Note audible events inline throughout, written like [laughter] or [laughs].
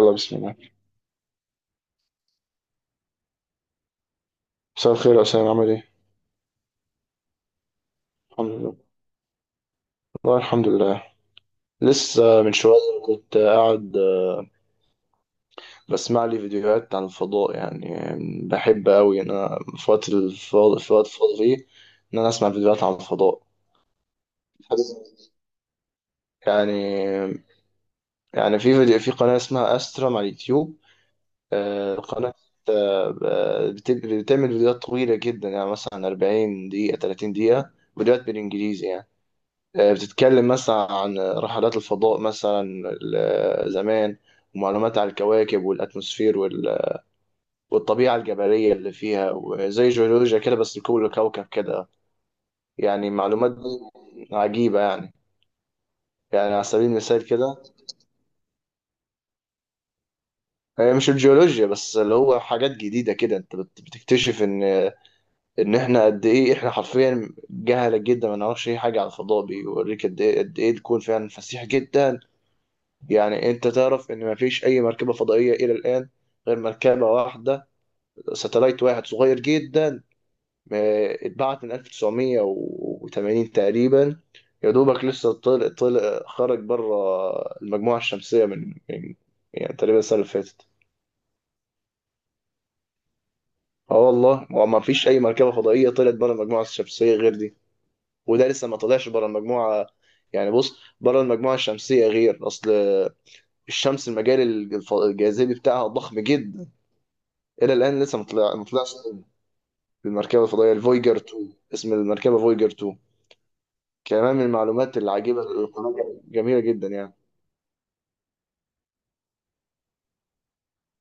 يلا بسم الله. مساء الخير يا أسامة، عامل إيه؟ الحمد لله، والله الحمد لله. لسه من شوية كنت قاعد بسمع لي فيديوهات عن الفضاء، يعني. بحب أوي إن أنا في وقت فاضي فيه إن أنا أسمع فيديوهات عن الفضاء. يعني يعني في فيديو في قناة اسمها أسترم على اليوتيوب. قناة بتعمل فيديوهات طويلة جدا، يعني مثلا 40 دقيقة 30 دقيقة. فيديوهات بالإنجليزي، يعني. بتتكلم مثلا عن رحلات الفضاء مثلا زمان، ومعلومات عن الكواكب والأتموسفير والطبيعة الجبلية اللي فيها وزي جيولوجيا كده، بس لكل كوكب كده. يعني معلومات دي عجيبة، يعني على سبيل المثال كده. هي مش الجيولوجيا بس، اللي هو حاجات جديدة كده، انت بتكتشف ان احنا قد ايه، احنا حرفيا جهلة جدا، ما نعرفش اي حاجة عن الفضاء، بيوريك قد ايه، قد ايه الكون فعلا فسيح جدا. يعني انت تعرف ان مفيش اي مركبة فضائية الى الان غير مركبة واحدة، ساتلايت واحد صغير جدا، اتبعت من 1980 تقريبا. يا دوبك لسه طلع خرج بره المجموعة الشمسية من يعني تقريبا السنة اللي فاتت. اه والله، هو ما فيش اي مركبة فضائية طلعت بره المجموعة الشمسية غير دي. وده لسه ما طلعش بره المجموعة، يعني بص، بره المجموعة الشمسية غير اصل الشمس المجال الجاذبي بتاعها ضخم جدا. الى الان لسه مطلعش بالمركبه الفضائيه الفويجر 2، اسم المركبه فويجر 2. كمان من المعلومات العجيبه اللي القناه جميله جدا، يعني.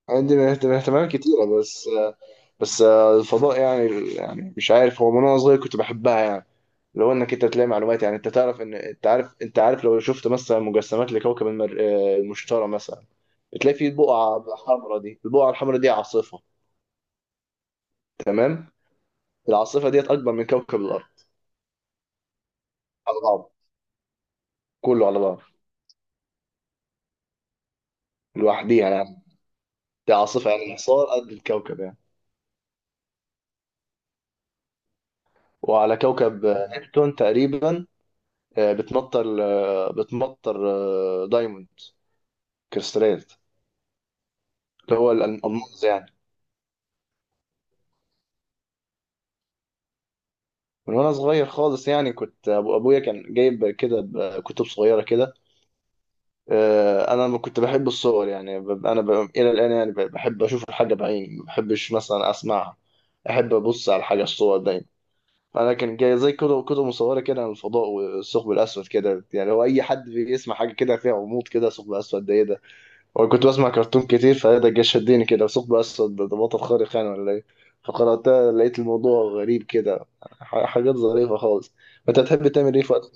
عندي من اهتمامات كتيره، بس. بس الفضاء، يعني مش عارف، هو من وانا صغير كنت بحبها يعني. لو انك انت تلاقي معلومات، يعني انت تعرف ان انت عارف لو شفت مثلا مجسمات لكوكب المر... آه، المشتري مثلا، بتلاقي فيه بقعه حمراء، دي البقعه الحمراء دي عاصفه. تمام. العاصفه ديت اكبر من كوكب الارض على بعض، كله على بعض، لوحديها يعني. دي عاصفة يعني حصار قد الكوكب يعني. وعلى كوكب نبتون تقريبا بتمطر دايموند كريستالات، اللي هو الألماس يعني. من وأنا صغير خالص، يعني كنت أبويا كان جايب كده كتب صغيرة كده. أنا كنت بحب الصور، يعني. إلى الآن، يعني بحب أشوف الحاجة بعيني، ما بحبش مثلا أسمعها. أحب أبص على الحاجة، الصور دايما. انا كان جاي زي كتب مصوره كده عن الفضاء والثقب الاسود كده، يعني هو اي حد بيسمع حاجه كده فيها غموض كده، ثقب اسود ده ايه ده؟ هو كنت بسمع كرتون كتير، فده جه شدني كده، ثقب اسود ده بطل خارق يعني ولا ايه؟ فقرأتها لقيت الموضوع غريب كده، حاجات ظريفه خالص. انت تحب تعمل ايه في وقت؟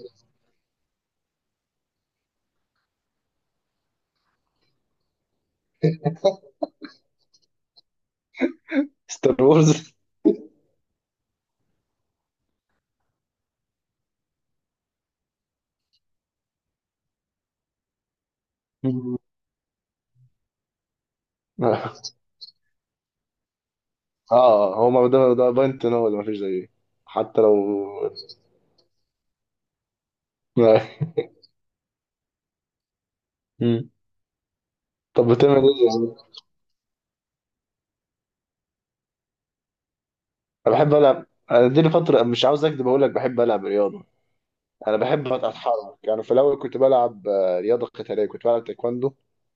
ستار وورز. [laughs] اه هو ما ده باينت ان هو اللي مفيش زيه. حتى لو. [laughs] مم. طب بتعمل ايه يعني؟ انا بحب العب. انا دي لي فتره مش عاوز اكدب، اقول لك بحب العب رياضه. انا بحب اتحرك، يعني. في الاول كنت بلعب رياضه قتاليه، كنت بلعب تايكواندو.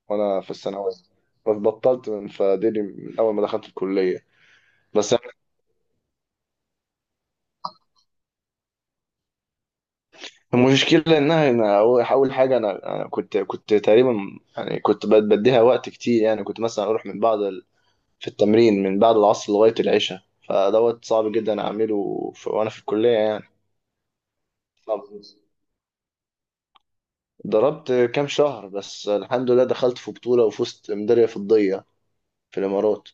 وانا في الثانويه بس. بطلت من اول ما دخلت الكليه. بس المشكله انها انا، أول أول حاجه، انا كنت تقريبا، يعني كنت بديها وقت كتير، يعني كنت مثلا اروح من بعد في التمرين من بعد العصر لغايه العشاء. فدوت صعب جدا اعمله وانا في الكليه، يعني. صعب. ضربت كام شهر بس، الحمد لله دخلت في بطوله وفزت ميداليه فضيه في الامارات.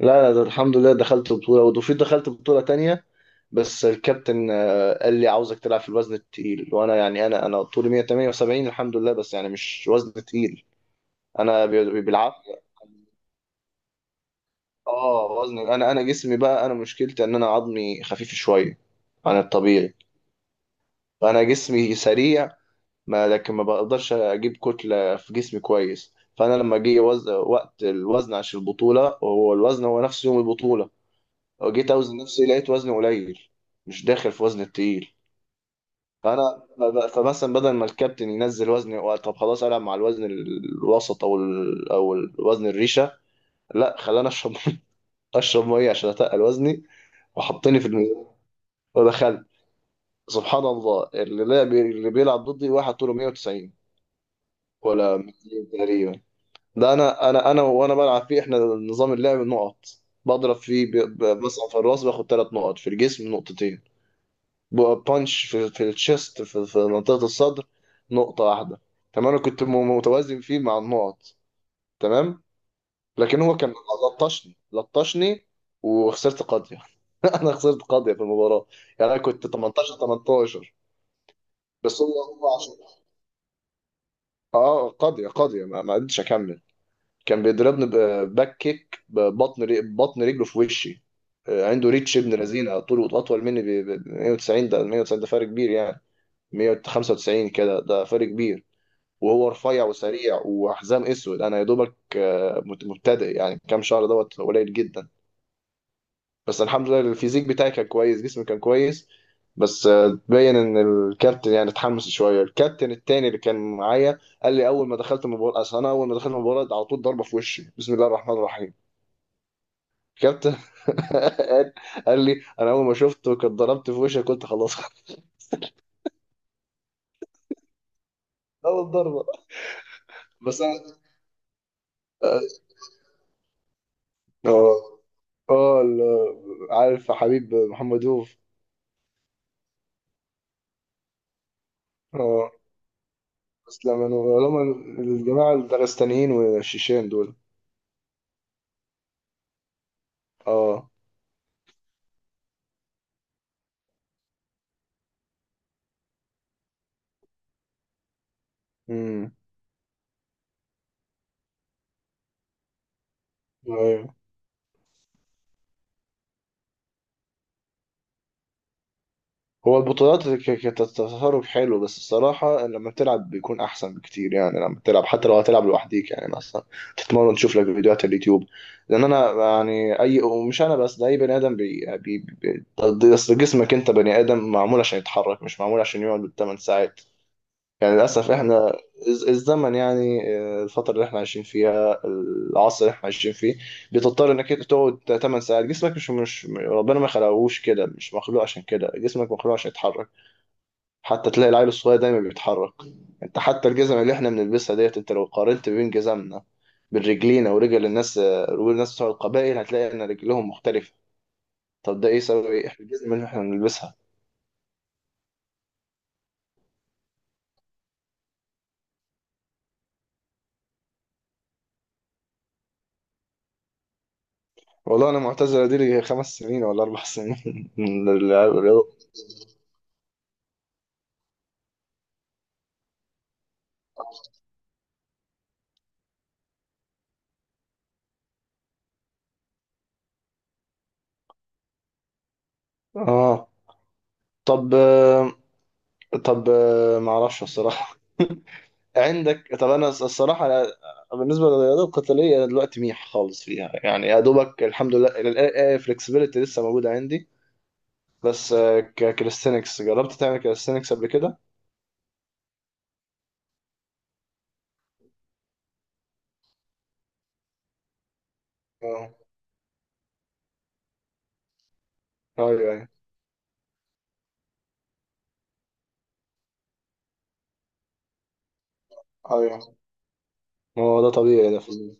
لا، لا، ده الحمد لله دخلت بطولة، وفي دخلت بطولة تانية. بس الكابتن قال لي عاوزك تلعب في الوزن التقيل، وانا يعني انا طولي 178 الحمد لله، بس يعني مش وزن تقيل. انا بالعافية. اه وزن. انا جسمي بقى، انا مشكلتي ان انا عظمي خفيف شوية عن الطبيعي. فانا جسمي سريع، ما لكن ما بقدرش اجيب كتلة في جسمي كويس. فانا لما جه وقت الوزن عشان البطولة، هو الوزن هو نفس يوم البطولة. جيت اوزن نفسي، لقيت وزني قليل، مش داخل في وزن التقيل. فانا فمثلا بدل ما الكابتن ينزل وزني طب خلاص العب مع الوزن الوسط او او الوزن الريشه، لا، خلاني اشرب. [laughs] اشرب ميه عشان اتقل وزني، وحطني في الميزان ودخلت. سبحان الله، اللي بيلعب ضدي واحد طوله 190 ولا 200 تقريبا. ده انا وانا بلعب فيه احنا نظام اللعب نقط. بضرب فيه مثلا، في الراس باخد ثلاث نقط، في الجسم نقطتين. بانش في التشيست، في منطقة الصدر نقطة واحدة. تمام. انا كنت متوازن فيه مع النقط، تمام. لكن هو كان لطشني لطشني وخسرت قاضية. [laughs] انا خسرت قاضية في المباراة. يعني انا كنت 18 18. بس هو عشان اه قاضية قاضية، ما قدرتش اكمل. كان بيضربني باك كيك ببطن بطن رجله في وشي. عنده ريتش ابن لذينه، طوله اطول مني 190، ده 190 ده فرق كبير يعني، 195 كده ده فرق كبير. وهو رفيع وسريع وحزام اسود، انا يا دوبك مبتدئ، يعني كام شهر دوت قليل جدا. بس الحمد لله الفيزيك بتاعي كان كويس، جسمي كان كويس. بس تبين ان الكابتن يعني اتحمس شويه. الكابتن التاني اللي كان معايا قال لي اول ما دخلت المباراه على طول ضربه في وشي، بسم الله الرحمن الرحيم. الكابتن [laughs] قال قال لي انا اول ما شفته كنت ضربت في وشي، قلت خلاص. [laughs] اول ضربه، بس انا. آه، آه. اه عارف حبيب محمدوف؟ اه، اسلام منو اللي هم، الجماعة الدغستانيين والشيشان دول. اه. امم. ايوه. هو البطولات كتتصرف حلو، بس الصراحة لما تلعب بيكون أحسن بكتير، يعني لما تلعب حتى لو هتلعب لوحديك، يعني مثلا تتمرن تشوف لك فيديوهات على اليوتيوب. لأن أنا يعني أي، ومش أنا بس ده أي بني آدم، بي بي بي أصل جسمك أنت بني آدم معمول عشان يتحرك، مش معمول عشان يقعد 8 ساعات. يعني للأسف إحنا الزمن يعني الفترة اللي إحنا عايشين فيها، العصر اللي إحنا عايشين فيه، بتضطر إنك أنت تقعد 8 ساعات. جسمك مش ربنا ما خلقهوش كده، مش مخلوق عشان كده، جسمك مخلوق عشان يتحرك. حتى تلاقي العيل الصغير دايما بيتحرك. أنت حتى الجزم اللي إحنا بنلبسها ديت، أنت لو قارنت بين جزمنا بين رجلينا ورجل الناس بتوع القبائل هتلاقي إن رجلهم مختلفة. طب ده إيه سبب إيه إحنا الجزم اللي إحنا بنلبسها؟ والله أنا معتزلة، دي لي خمس سنين ولا أربع سنين. [laughs] من الرياضة. آه طب طب. ما اعرفش الصراحه. [laughs] عندك. طب انا الصراحه أنا، بالنسبه للرياضه القتاليه انا دلوقتي ميح خالص فيها، يعني يا دوبك الحمد لله الفلكسبيليتي لسه موجوده عندي. بس ككاليستنكس، جربت تعمل كاليستنكس قبل كده؟ اه، ايوه ايوه ايوه، ما هو ده طبيعي، ده فظيع.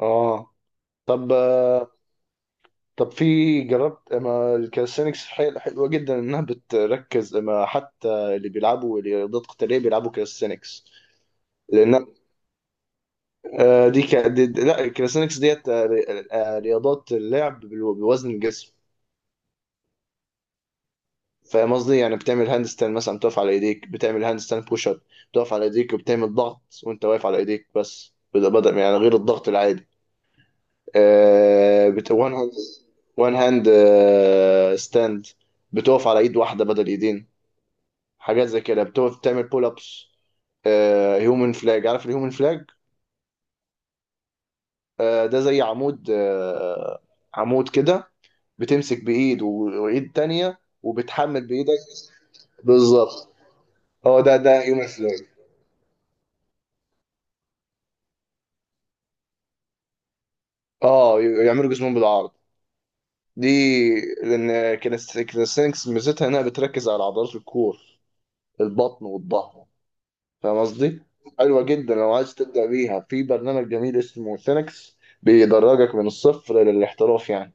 اه طب طب في. جربت ما الكاليستنكس حلوه جدا، انها بتركز، ما حتى اللي بيلعبوا رياضات قتاليه بيلعبوا كاليستنكس. لان آه، دي, ك... دي دي- لا الكاليستانكس ديت رياضات اللعب بوزن الجسم. فاهم قصدي؟ يعني بتعمل هاند ستاند مثلا، بتقف على ايديك بتعمل هاند ستاند بوش اب. بتقف على ايديك وبتعمل ضغط وانت واقف على ايديك، بس بدأ يعني غير الضغط العادي. آه بت... وان هاند وان هاند ستاند. بتقف على ايد واحده بدل ايدين، حاجات زي كده بتقف بتعمل بول ابس. هيومن فلاج، عارف الهيومن فلاج؟ ده زي عمود عمود كده، بتمسك بايد وايد تانية وبتحمل بايدك. بالظبط، هو ده يوم الفلوج. اه يعملوا جسمهم بالعرض دي. لان كاليستينكس ميزتها انها بتركز على عضلات الكور، البطن والظهر. فاهم قصدي؟ حلوه جدا لو عايز تبدا بيها. في برنامج جميل اسمه سينكس بيدرجك من الصفر للاحتراف، يعني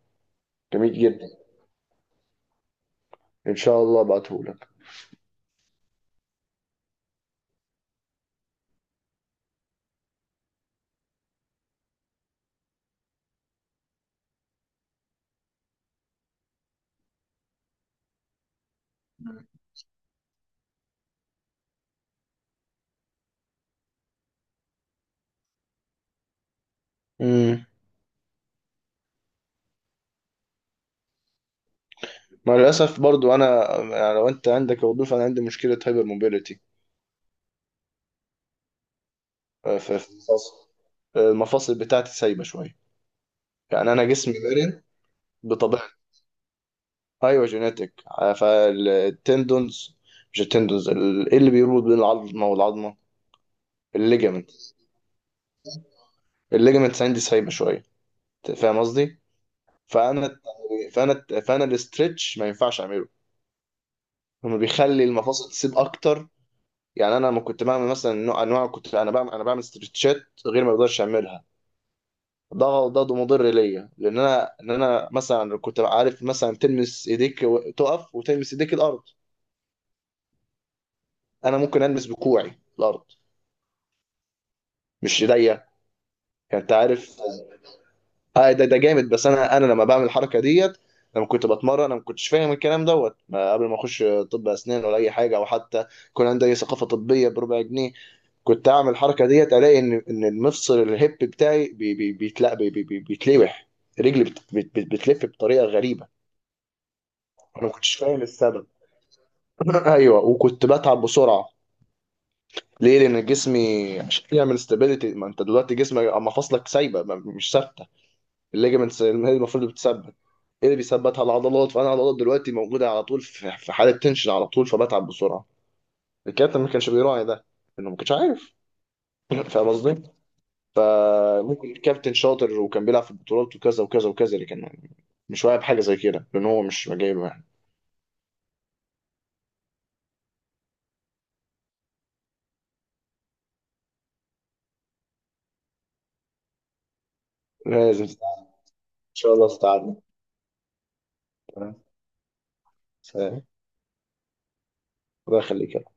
جميل جدا. ان شاء الله ابعتهولك. امم. مع الاسف برضو انا، يعني لو انت عندك وظيفه، انا عندي مشكله هايبر موبيليتي. في الفصل. المفاصل بتاعتي سايبه شويه. يعني انا جسمي مرن بطبيعتي، ايوه جينيتك. فالتندونز، مش التندونز، ايه اللي بيربط بين العظمه والعظمه، الليجامنت. الليجامنتس عندي سايبه شويه، أنت فاهم قصدي؟ فانا فانا الاسترتش ما ينفعش اعمله. هو بيخلي المفاصل تسيب اكتر. يعني انا لما كنت بعمل مثلا انواع، كنت انا بعمل انا بعمل استرتشات غير ما بقدرش اعملها. ده مضر ليا، لان انا، ان انا مثلا كنت عارف، مثلا تلمس ايديك تقف وتلمس ايديك الارض، انا ممكن المس بكوعي الارض، مش ايديا. يعني انت عارف. ده جامد، بس انا لما بعمل الحركه ديت، لما كنت بتمرن انا ما كنتش فاهم الكلام دوت، ما قبل ما اخش، طب اسنان ولا اي حاجه، او حتى كان عندي أي ثقافه طبيه بربع جنيه، كنت اعمل الحركه ديت الاقي ان المفصل الهيب بتاعي بي بي بيتلا بي بي بي- بيتلوح. رجلي بتلف بطريقه غريبه. انا ما كنتش فاهم السبب. [laughs] ايوه، وكنت بتعب بسرعه. ليه؟ لان جسمي عشان يعمل استابيليتي، ما انت دلوقتي جسمك، اما فاصلك سايبه مش ثابته، الليجمنتس هي المفروض اللي بتثبت. ايه اللي بيثبتها؟ العضلات. فانا العضلات دلوقتي موجوده على طول في حاله تنشن على طول، فبتعب بسرعه. الكابتن ما كانش بيراعي ده، انه ما كانش عارف. [laughs] فاهم قصدي؟ فممكن الكابتن شاطر وكان بيلعب في البطولات وكذا وكذا وكذا، لكن مش واعي بحاجه زي كده لان هو مش جايبه، يعني. لازم تتعلم. ان شاء الله تتعلم. تمام؟ سلام. الله يخليك.